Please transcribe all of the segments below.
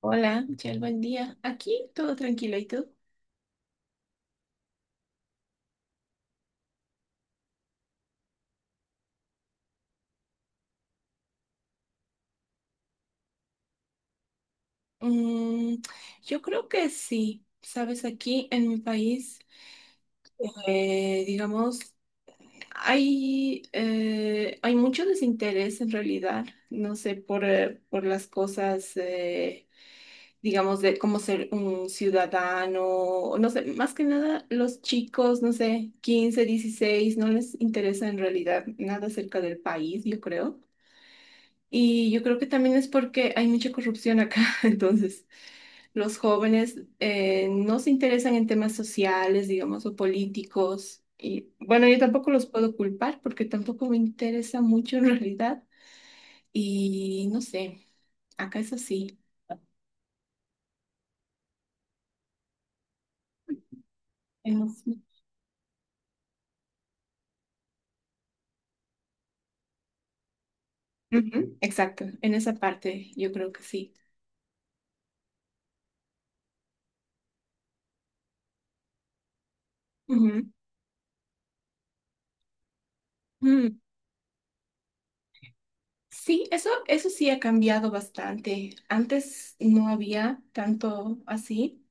Hola, Michelle, buen día. Aquí todo tranquilo, ¿y tú? Mm, yo creo que sí. Sabes, aquí en mi país, digamos, hay mucho desinterés en realidad, no sé, por las cosas, digamos, de cómo ser un ciudadano, no sé, más que nada los chicos, no sé, 15, 16, no les interesa en realidad nada acerca del país, yo creo. Y yo creo que también es porque hay mucha corrupción acá, entonces los jóvenes no se interesan en temas sociales, digamos, o políticos. Y bueno, yo tampoco los puedo culpar porque tampoco me interesa mucho en realidad. Y no sé, acá es así. En los- Ujú, exacto, en esa parte yo creo que sí. Ujú. Mm, sí, eso sí ha cambiado bastante. Antes no había tanto así.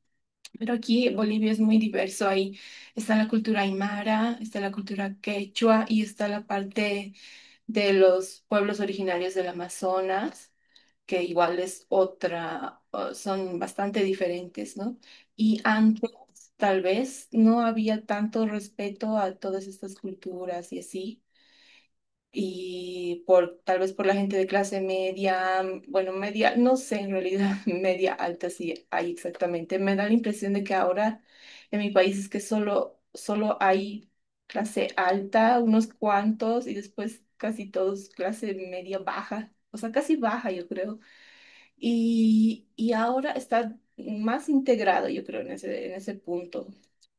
Pero aquí Bolivia es muy diverso. Ahí está la cultura aymara, está la cultura quechua y está la parte de los pueblos originarios del Amazonas, que igual es otra, o son bastante diferentes, ¿no? Y antes, tal vez, no había tanto respeto a todas estas culturas y así y por tal vez por la gente de clase media, mm, bueno, media, no sé, en realidad media alta sí hay exactamente. Me da la impresión de que ahora en mi país es que solo hay clase alta, unos cuantos, y después casi todos clase media baja, o sea, casi baja, yo creo. Y ahora está más integrado, yo creo, en ese punto.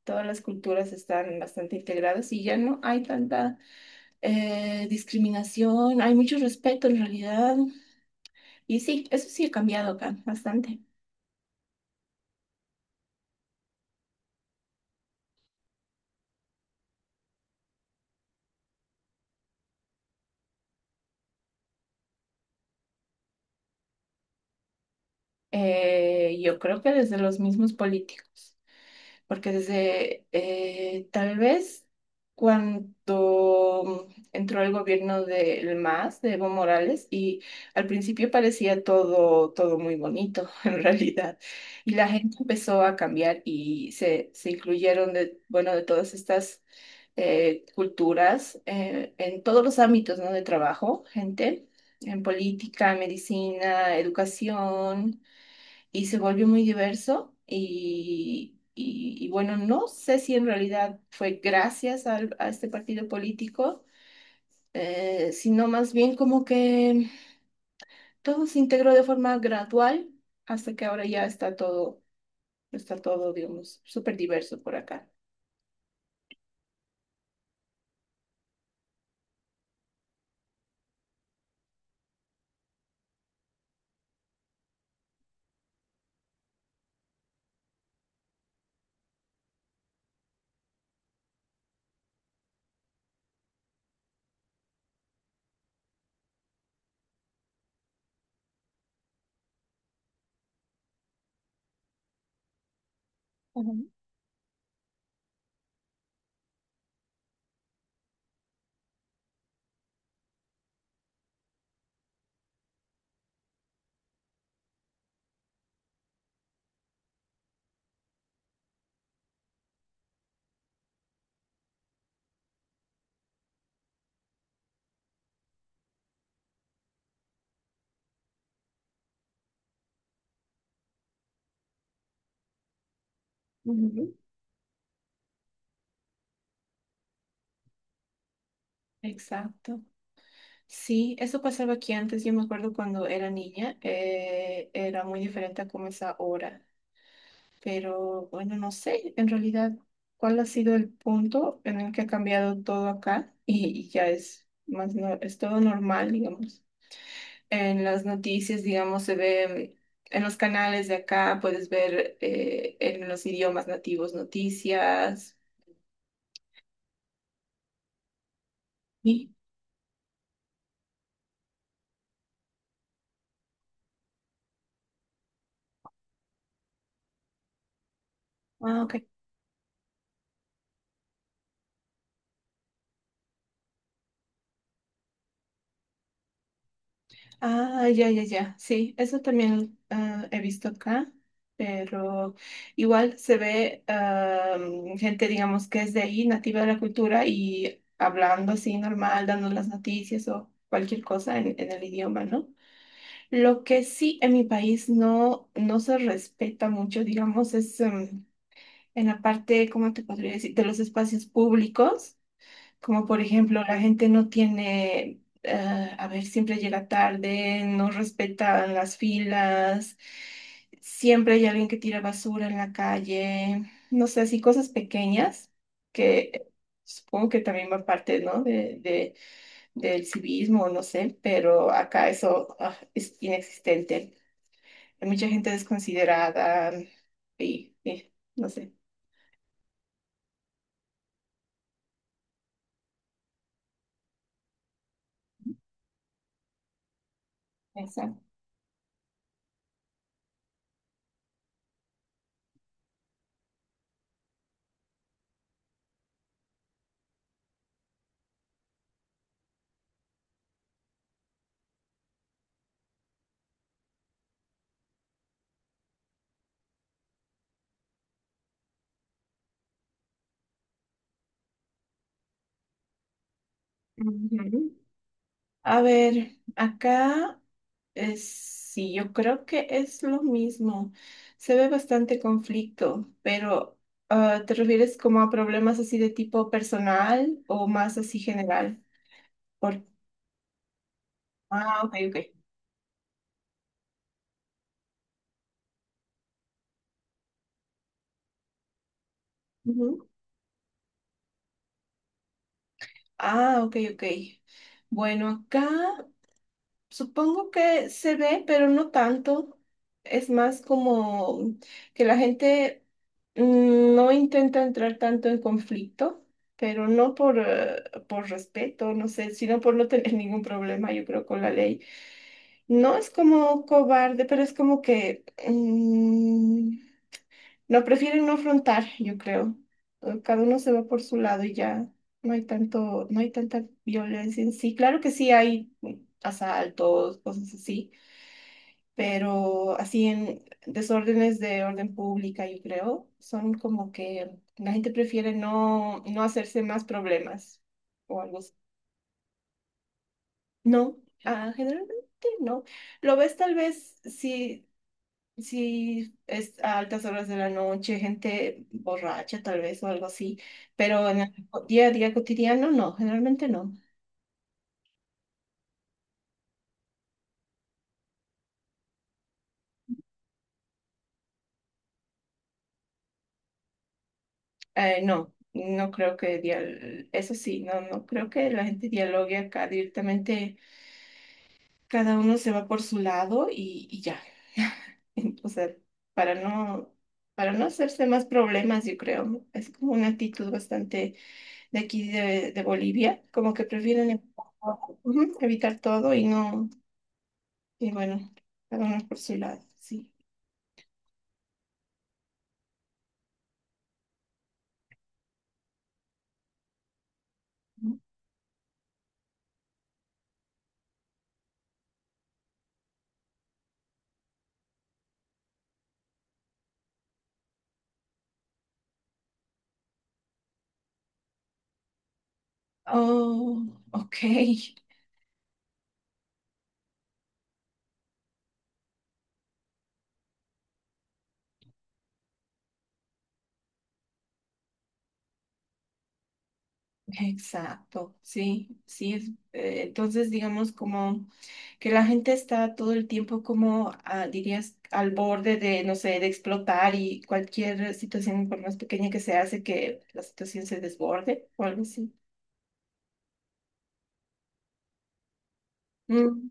Todas las culturas están bastante integradas y ya no hay tanta discriminación, hay mucho respeto en realidad. Y sí, eso sí ha cambiado acá bastante. Yo creo que desde los mismos políticos, porque desde tal vez cuando entró el gobierno del MAS, de Evo Morales, y al principio parecía todo muy bonito en realidad. Y la gente empezó a cambiar y se incluyeron de, bueno, de todas estas culturas, en todos los ámbitos, ¿no? De trabajo, gente, en política, medicina, educación, y se volvió muy diverso. Y bueno, no sé si en realidad fue a este partido político, sino más bien como que todo se integró de forma gradual hasta que ahora ya está todo, digamos, súper diverso por acá. Ujú. Ujú. Exacto. Sí, eso pasaba aquí antes. Yo me acuerdo cuando era niña, era muy diferente a como es ahora. Pero bueno, no sé en realidad cuál ha sido el punto en el que ha cambiado todo acá y ya es más, es todo normal, digamos. En las noticias, digamos, se ve en los canales de acá, puedes ver en los idiomas nativos noticias. Sí. Ah, ok. Ah, ya. Sí, eso también ah, he visto acá, pero igual se ve ah, mm, gente, digamos, que es de ahí, nativa de la cultura y hablando así normal, dando las noticias o cualquier cosa en el idioma, ¿no? Lo que sí en mi país no se respeta mucho, digamos, es em, en la parte, ¿cómo te podría decir?, de los espacios públicos. Como por ejemplo, la gente no tiene, a ver, siempre llega tarde, no respetan las filas, siempre hay alguien que tira basura en la calle, no sé, así cosas pequeñas que supongo que también va parte, ¿no? Del civismo, no sé, pero acá eso, ah, es inexistente. Hay mucha gente desconsiderada y no sé, exacto. Ujú. A ver, acá. Sí, yo creo que es lo mismo. Se ve bastante conflicto, pero ah, ¿te refieres como a problemas así de tipo personal o más así general? Por... Ah, ok. Ujú. Ah, ok. Bueno, acá. Supongo que se ve, pero no tanto. Es más como que la gente mm, no intenta entrar tanto en conflicto, pero por respeto, no sé, sino por no tener ningún problema, yo creo, con la ley. No es como cobarde, pero es como que mm, no prefieren no afrontar, yo creo. Cada uno se va por su lado y ya no hay tanta violencia en sí. Claro que sí hay mm, asaltos, cosas así pero así en desórdenes de orden pública, yo creo, son como que la gente prefiere no hacerse más problemas o algo así. No, ah, generalmente no. Lo ves tal vez si es a altas horas de la noche, gente borracha tal vez o algo así, pero en el día a día cotidiano no, generalmente no. No. Eso sí, no creo que la gente dialogue acá directamente cada uno se va por su lado y ya. O sea, para no, para no hacerse más problemas, yo creo. ¿No? Es como una actitud bastante de aquí de Bolivia, como que prefieren ujú, evitar todo y no, y bueno, cada uno por su lado, sí. ¿No? Oh, ok, exacto, sí, es, entonces digamos... como... que la gente está todo el tiempo como, ah, dirías, al borde de, no sé, de explotar y cualquier situación, por más pequeña que sea, hace que la situación se desborde o algo así. Mm,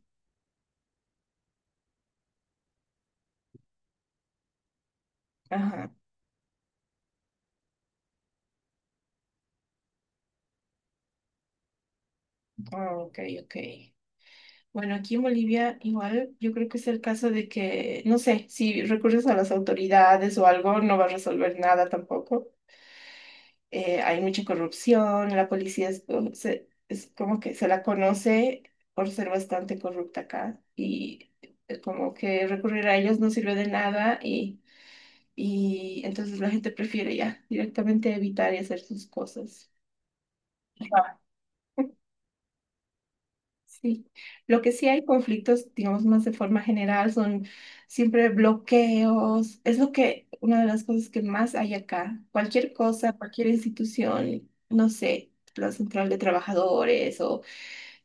ajá, ah, ok. Bueno, aquí en Bolivia igual yo creo que es el caso de que, no sé, si recurres a las autoridades o algo, no va a resolver nada tampoco. Hay mucha corrupción, la policía es como que se la conoce por ser bastante corrupta acá y como que recurrir a ellos no sirve de nada y entonces la gente prefiere ya directamente evitar y hacer sus cosas. Sí, lo que sí hay conflictos, digamos más de forma general, son siempre bloqueos. Es lo que, una de las cosas que más hay acá. Cualquier cosa, cualquier institución, no sé, la central de trabajadores o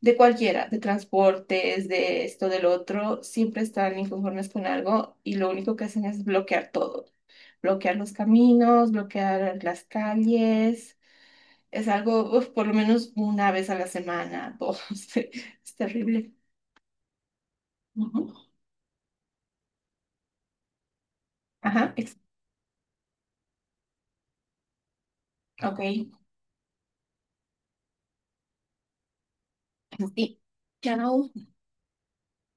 de cualquiera, de transportes, de esto, del otro, siempre están inconformes con algo y lo único que hacen es bloquear todo. Bloquear los caminos, bloquear las calles. Es algo, uf, por lo menos una vez a la semana, dos. Es terrible. Ujú. Ajá, ex- ok. Sí. Chao.